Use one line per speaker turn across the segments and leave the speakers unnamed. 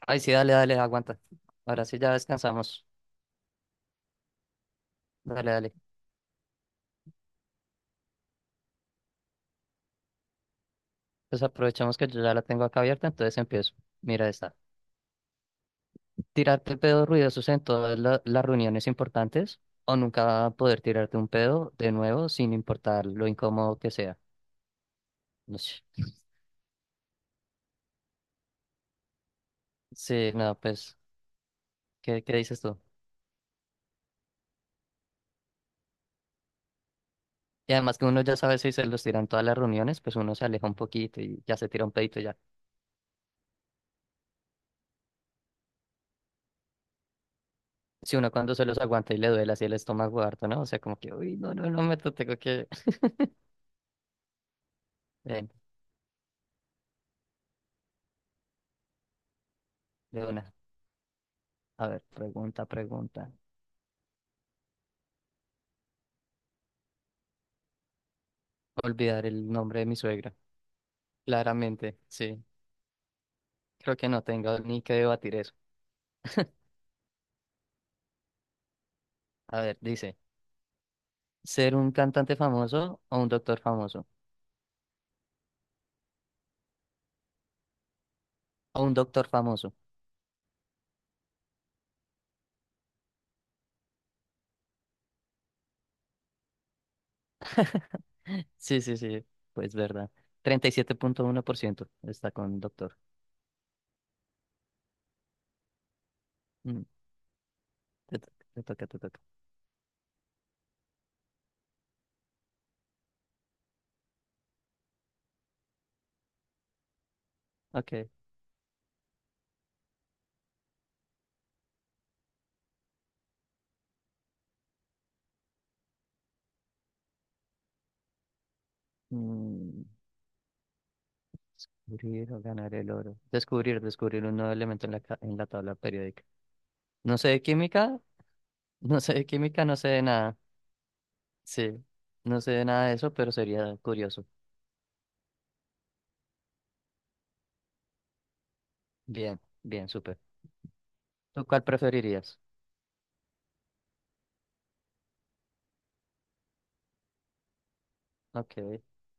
Ay, sí, dale, dale, aguanta. Ahora sí ya descansamos. Dale, dale. Pues aprovechamos que yo ya la tengo acá abierta, entonces empiezo. Mira esta. Tirarte pedos ruidosos en todas las reuniones importantes o nunca poder tirarte un pedo de nuevo sin importar lo incómodo que sea. Ush. Sí, no, pues, ¿qué dices tú? Y además que uno ya sabe si se los tiran todas las reuniones, pues uno se aleja un poquito y ya se tira un pedito y ya. Si uno cuando se los aguanta y le duele así el estómago harto, ¿no? O sea, como que, uy, no me tengo que... Ven, de una. A ver, pregunta. Olvidar el nombre de mi suegra. Claramente, sí. Creo que no tengo ni que debatir eso. A ver, dice, ¿ser un cantante famoso o un doctor famoso? O un doctor famoso. Sí, sí, sí. Pues verdad. 37.1% está con doctor. Mm, te toca. Ok. Mm, descubrir o ganar el oro. Descubrir un nuevo elemento en en la tabla periódica. No sé de química, no sé de química, no sé de nada. Sí, no sé nada de eso, pero sería curioso. Bien, bien, súper. ¿Tú cuál preferirías? Ok,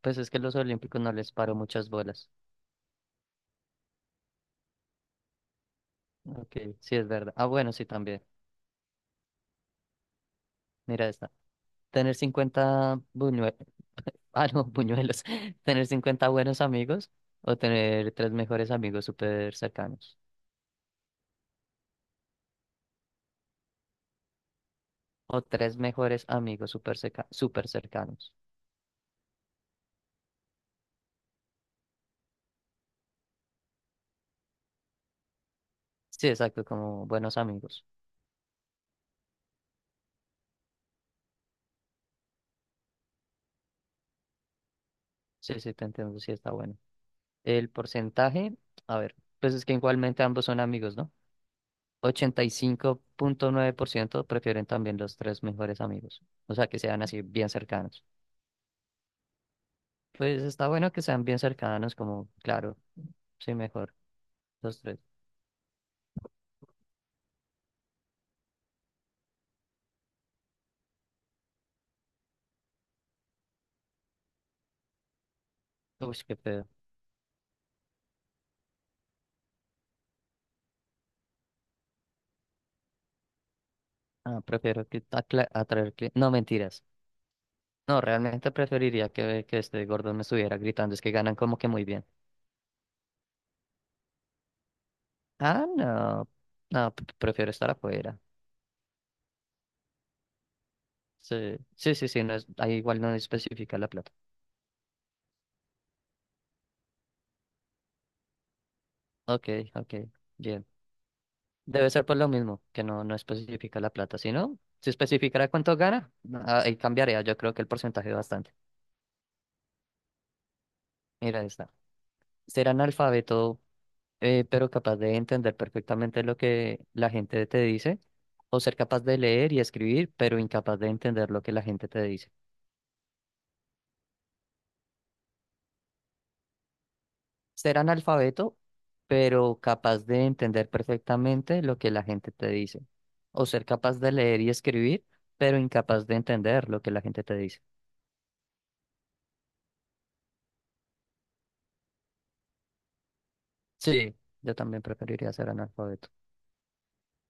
pues es que los olímpicos no les paro muchas bolas. Ok, sí es verdad. Ah, bueno, sí también. Mira esta. Tener 50 buñuelos, ah, no, buñuelos. Tener 50 buenos amigos o tener tres mejores amigos súper cercanos. O tres mejores amigos súper cercanos. Sí, exacto, como buenos amigos. Sí, sí, te entiendo, sí está bueno. El porcentaje, a ver, pues es que igualmente ambos son amigos, ¿no? Ochenta y cinco punto nueve por ciento prefieren también los tres mejores amigos, o sea, que sean así bien cercanos. Pues está bueno que sean bien cercanos, como, claro, sí, mejor, los tres. Uy, qué pedo. Ah, prefiero que No, mentiras. No, realmente preferiría que este gordo me estuviera gritando, es que ganan como que muy bien. Ah, no, prefiero estar afuera. Sí, sí, sí, sí, no es, ahí igual no especifica la plata. Ok, ok, bien. Debe ser por lo mismo, que no especifica la plata. Si no, si especificara cuánto gana, ah, ahí cambiaría. Yo creo que el porcentaje bastante. Mira esta. Ser analfabeto, pero capaz de entender perfectamente lo que la gente te dice. O ser capaz de leer y escribir, pero incapaz de entender lo que la gente te dice. Ser analfabeto, pero capaz de entender perfectamente lo que la gente te dice. O ser capaz de leer y escribir, pero incapaz de entender lo que la gente te dice. Sí, yo también preferiría ser analfabeto.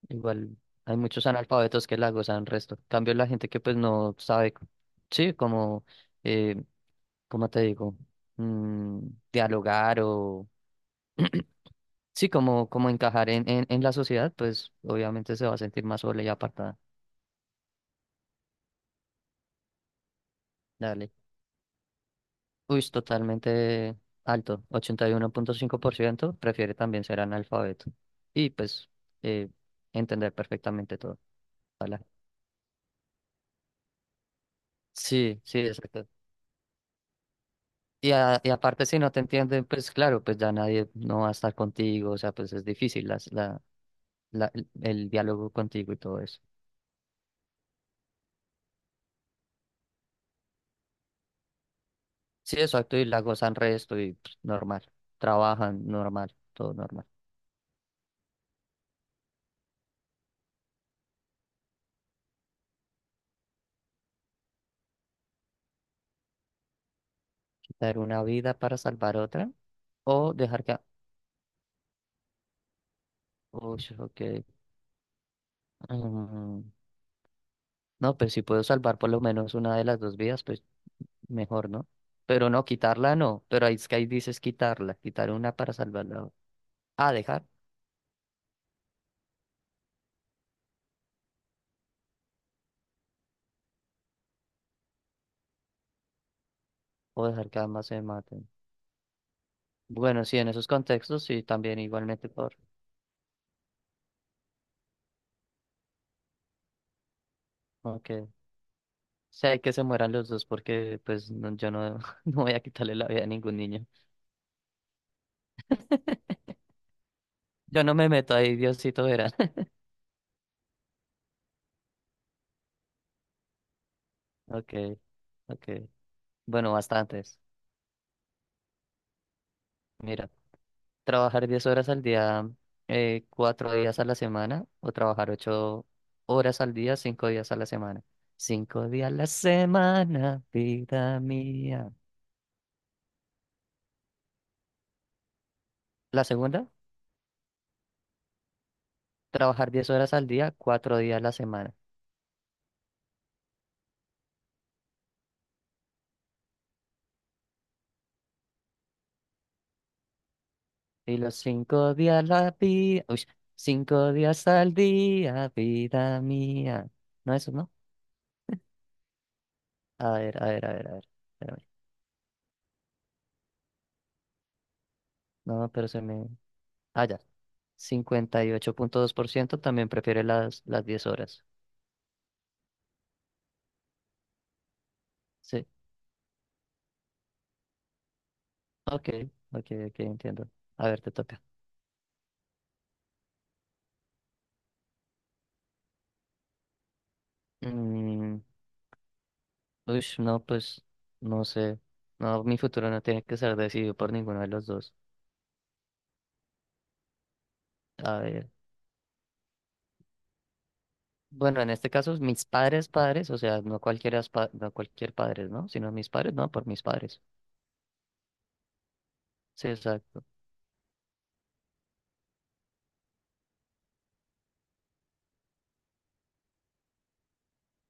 Igual hay muchos analfabetos que la gozan resto. En cambio, la gente que pues no sabe, sí, como, eh, ¿cómo te digo? Mm, dialogar o, sí, como, como encajar en la sociedad, pues obviamente se va a sentir más sola y apartada. Dale. Uy, es totalmente alto. Ochenta y uno punto cinco por ciento prefiere también ser analfabeto. Y pues eh, entender perfectamente todo. Ojalá. Sí, sí, exacto. Y, y aparte, si no te entienden, pues claro, pues ya nadie no va a estar contigo, o sea, pues es difícil el diálogo contigo y todo eso. Sí, exacto, y la gozan resto y pues, normal, trabajan normal, todo normal. Quitar una vida para salvar otra o dejar que... Uy, ok. Mm, no, pues si puedo salvar por lo menos una de las dos vidas, pues mejor, ¿no? Pero no, quitarla no, pero ahí es que ahí dices quitarla, quitar una para salvar la otra. Ah, dejar o dejar que ambas se maten. Bueno, sí, en esos contextos y también igualmente por, aunque sé que se mueran los dos porque pues yo no, no voy a quitarle la vida a ningún niño. Yo no me meto ahí, Diosito verá. Ok, ok. Bueno, bastantes. Mira, trabajar 10 horas al día, 4 días a la semana o trabajar 8 horas al día, 5 días a la semana. Cinco días a la semana, vida mía. La segunda, trabajar 10 horas al día, 4 días a la semana. Y los cinco días la vida, uy, cinco días al día, vida mía. No, eso no. A ver, a ver, a ver, a ver, espérame. No, pero se me. Ah, ya. Cincuenta y ocho punto dos por ciento también prefiere las 10 horas. Sí. Ok, ok, ok, entiendo. A ver, te toca. Mm, uy, no, pues, no sé. No, mi futuro no tiene que ser decidido por ninguno de los dos. A ver. Bueno, en este caso, padres, o sea, no cualquiera, no cualquier padres, ¿no? Sino mis padres, no, por mis padres. Sí, exacto.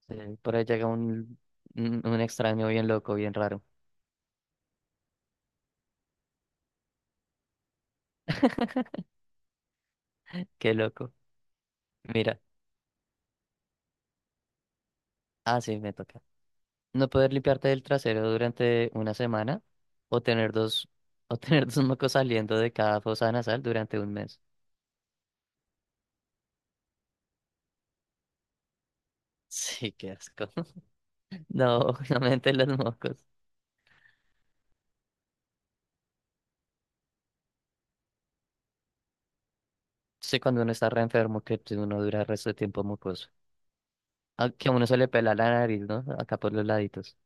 Sí, por ahí llega un, un extraño bien loco, bien raro. Qué loco. Mira, ah, sí, me toca. No poder limpiarte del trasero durante una semana o tener dos, o tener dos mocos saliendo de cada fosa nasal durante un mes. Sí, qué asco. No, obviamente los mocos. Sí, cuando uno está re enfermo, que uno dura el resto de tiempo mocoso. A que a uno se le pela la nariz, ¿no? Acá por los laditos.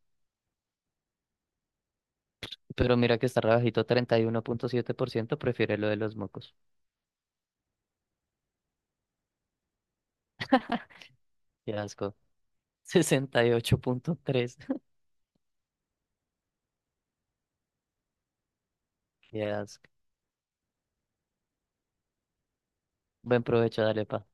Pero mira que está rebajito, treinta y uno punto siete por ciento prefiere lo de los mocos. Qué asco. 68.3. Qué asco. Buen provecho, dale, pa.